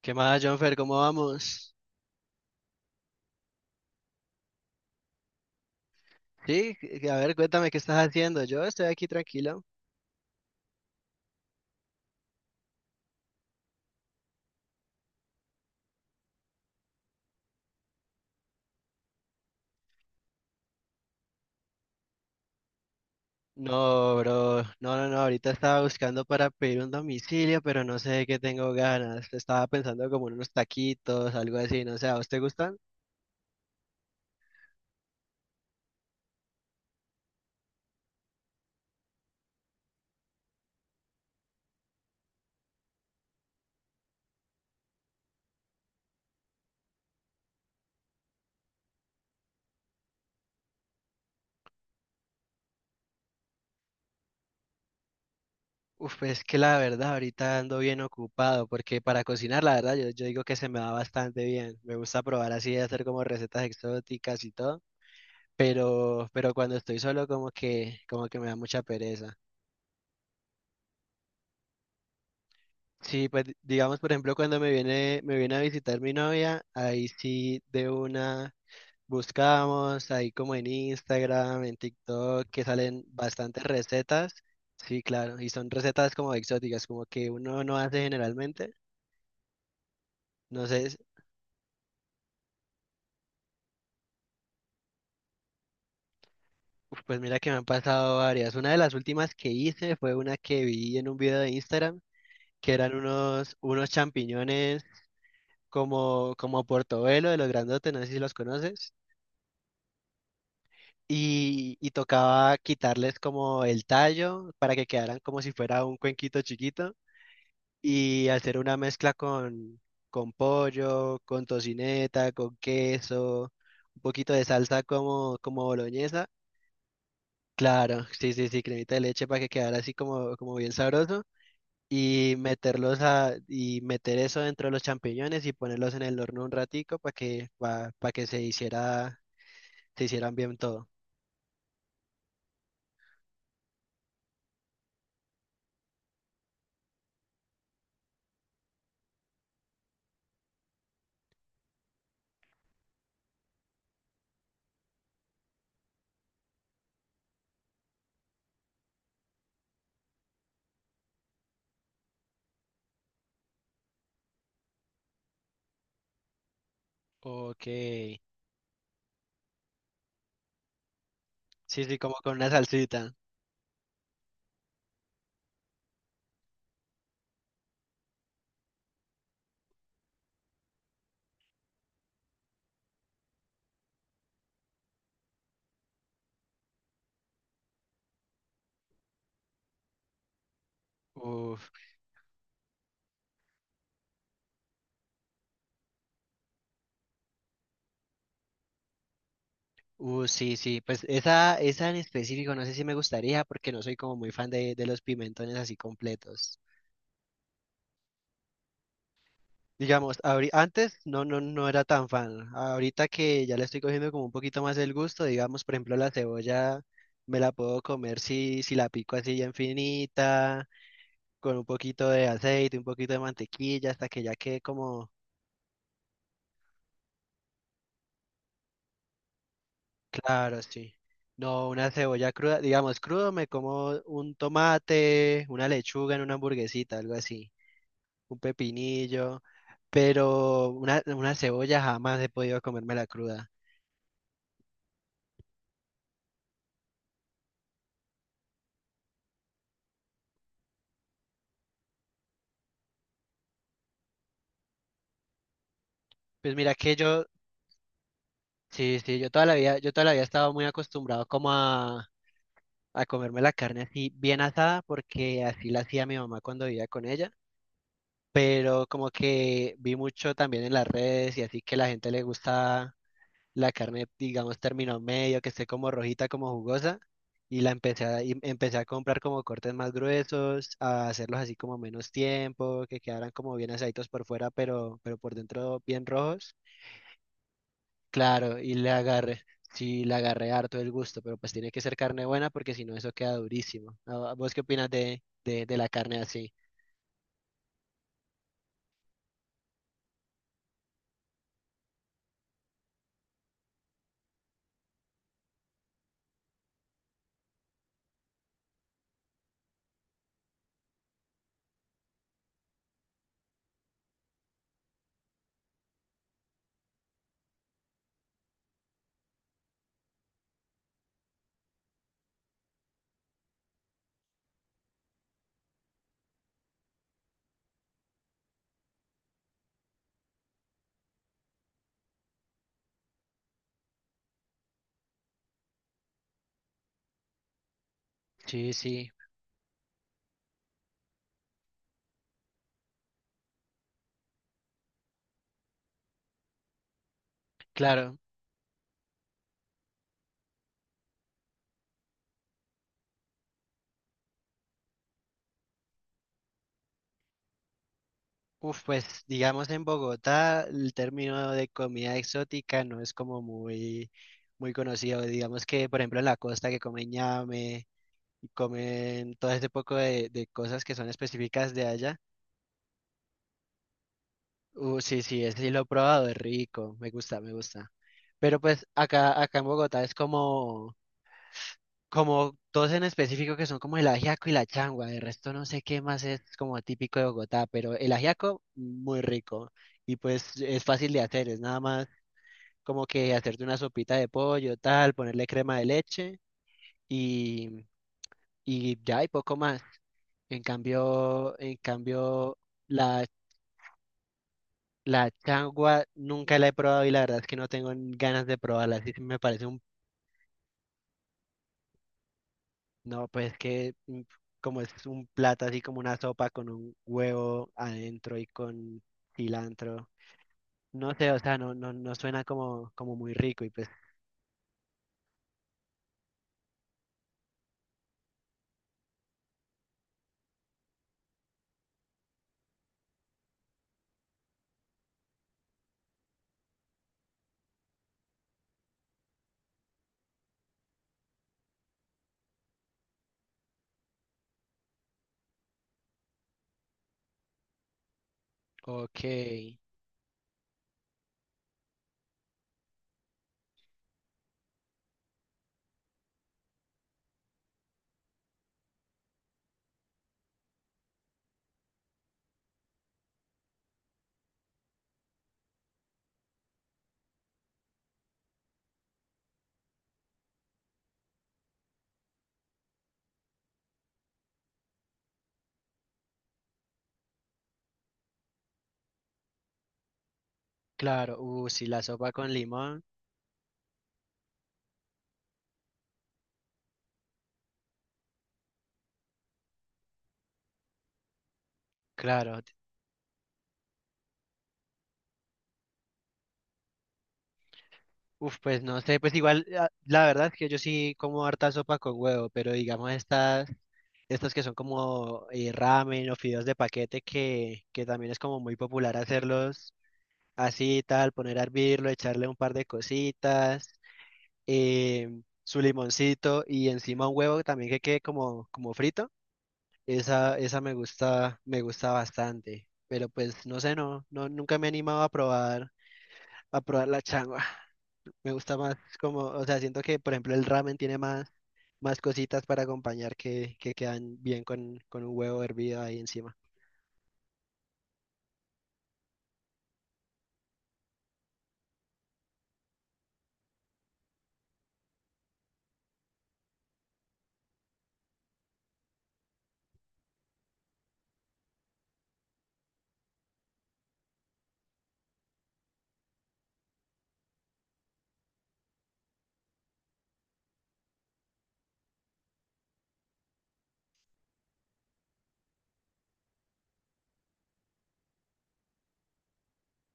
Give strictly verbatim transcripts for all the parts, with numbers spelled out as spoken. ¿Qué más, Jonfer? ¿Cómo vamos? Sí, que- a ver, cuéntame qué estás haciendo. Yo estoy aquí tranquilo. No, bro. No, no, no. Ahorita estaba buscando para pedir un domicilio, pero no sé de qué tengo ganas. Estaba pensando como en unos taquitos, algo así. No sé, ¿a vos te gustan? Uf, pues es que la verdad ahorita ando bien ocupado porque para cocinar la verdad yo, yo digo que se me da bastante bien. Me gusta probar así, hacer como recetas exóticas y todo, pero, pero cuando estoy solo como que, como que me da mucha pereza. Sí, pues di- digamos por ejemplo cuando me viene, me viene a visitar mi novia, ahí sí de una buscamos, ahí como en Instagram, en TikTok, que salen bastantes recetas. Sí, claro, y son recetas como exóticas, como que uno no hace generalmente. No sé, pues mira que me han pasado varias. Una de las últimas que hice fue una que vi en un video de Instagram, que eran unos, unos champiñones como, como portobelo de los grandotes, no sé si los conoces. Y, y tocaba quitarles como el tallo para que quedaran como si fuera un cuenquito chiquito y hacer una mezcla con, con pollo, con tocineta, con queso, un poquito de salsa como, como boloñesa. Claro, sí, sí, sí, cremita de leche para que quedara así como, como bien sabroso. Y meterlos a, y meter eso dentro de los champiñones y ponerlos en el horno un ratico para que, para que se hiciera, se hicieran bien todo. Ok. Sí, sí, como con una salsita. Uf, uh, sí, sí. Pues esa, esa en específico no sé si me gustaría porque no soy como muy fan de, de los pimentones así completos. Digamos, abri- antes no, no, no era tan fan. Ahorita que ya le estoy cogiendo como un poquito más el gusto, digamos, por ejemplo, la cebolla me la puedo comer si, si la pico así bien finita, con un poquito de aceite, un poquito de mantequilla, hasta que ya quede como, claro, sí. No, una cebolla cruda, digamos, crudo me como un tomate, una lechuga en una hamburguesita, algo así, un pepinillo, pero una, una cebolla jamás he podido comérmela cruda. Pues mira que yo sí, sí, yo toda la vida, yo toda la vida estaba muy acostumbrado como a, a comerme la carne así bien asada, porque así la hacía mi mamá cuando vivía con ella. Pero como que vi mucho también en las redes y así que la gente le gusta la carne, digamos, término medio, que esté como rojita, como jugosa. Y la empecé a, y empecé a comprar como cortes más gruesos, a hacerlos así como menos tiempo, que quedaran como bien asaditos por fuera, pero, pero por dentro bien rojos. Claro, y le agarré, sí, le agarré harto el gusto, pero pues tiene que ser carne buena porque si no eso queda durísimo. Ah, ¿vos qué opinas de, de, de la carne así? Sí, sí, claro. Uf, pues digamos en Bogotá el término de comida exótica no es como muy, muy conocido. Digamos que, por ejemplo, en la costa que comen ñame y comen todo ese poco de, de cosas que son específicas de allá. Uh, sí, sí, ese sí lo he probado, es rico, me gusta, me gusta. Pero pues acá, acá en Bogotá es como como dos en específico que son como el ajiaco y la changua, de resto no sé qué más es como típico de Bogotá, pero el ajiaco muy rico y pues es fácil de hacer, es nada más como que hacerte una sopita de pollo, tal, ponerle crema de leche y, y ya y poco más. En cambio, en cambio, la, la changua nunca la he probado y la verdad es que no tengo ganas de probarla, así que me parece un no, pues que mm, como es un plato así como una sopa con un huevo adentro y con cilantro. No sé, o sea, no, no, no suena como, como muy rico y pues, ok, claro, uh, si la sopa con limón, claro, t- uf, pues no sé, pues igual, ah, la verdad es que yo sí como harta sopa con huevo, pero digamos estas, estas que son como eh, ramen o fideos de paquete que, que también es como muy popular hacerlos así tal, poner a hervirlo, echarle un par de cositas, em, su limoncito y encima un huevo también que quede como, como frito. Esa, esa me gusta, me gusta bastante. Pero pues no sé, no, no, nunca me he animado a probar, a probar la changua. Me gusta más como, o sea, siento que por ejemplo el ramen tiene más, más cositas para acompañar que, que quedan bien con, con un huevo hervido ahí encima.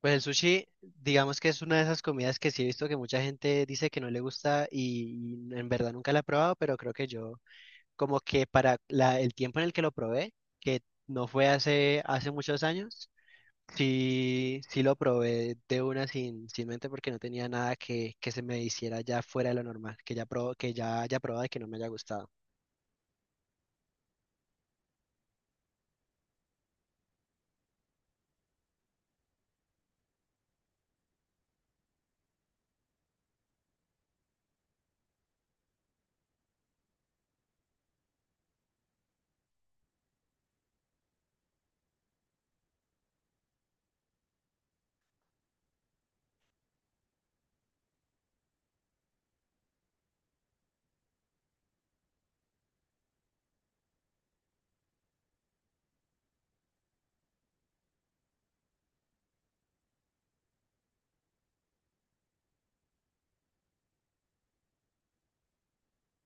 Pues el sushi, digamos que es una de esas comidas que sí he visto que mucha gente dice que no le gusta y, y en verdad nunca la he probado, pero creo que yo, como que para la, el tiempo en el que lo probé, que no fue hace, hace muchos años, sí, sí lo probé de una sin, sin mente porque no tenía nada que, que se me hiciera ya fuera de lo normal, que ya, pro, que ya haya probado y que no me haya gustado.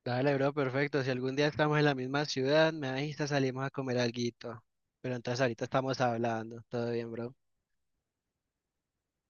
Dale, bro, perfecto. Si algún día estamos en la misma ciudad, me avisas, salimos a comer alguito. Pero entonces ahorita estamos hablando. Todo bien, bro.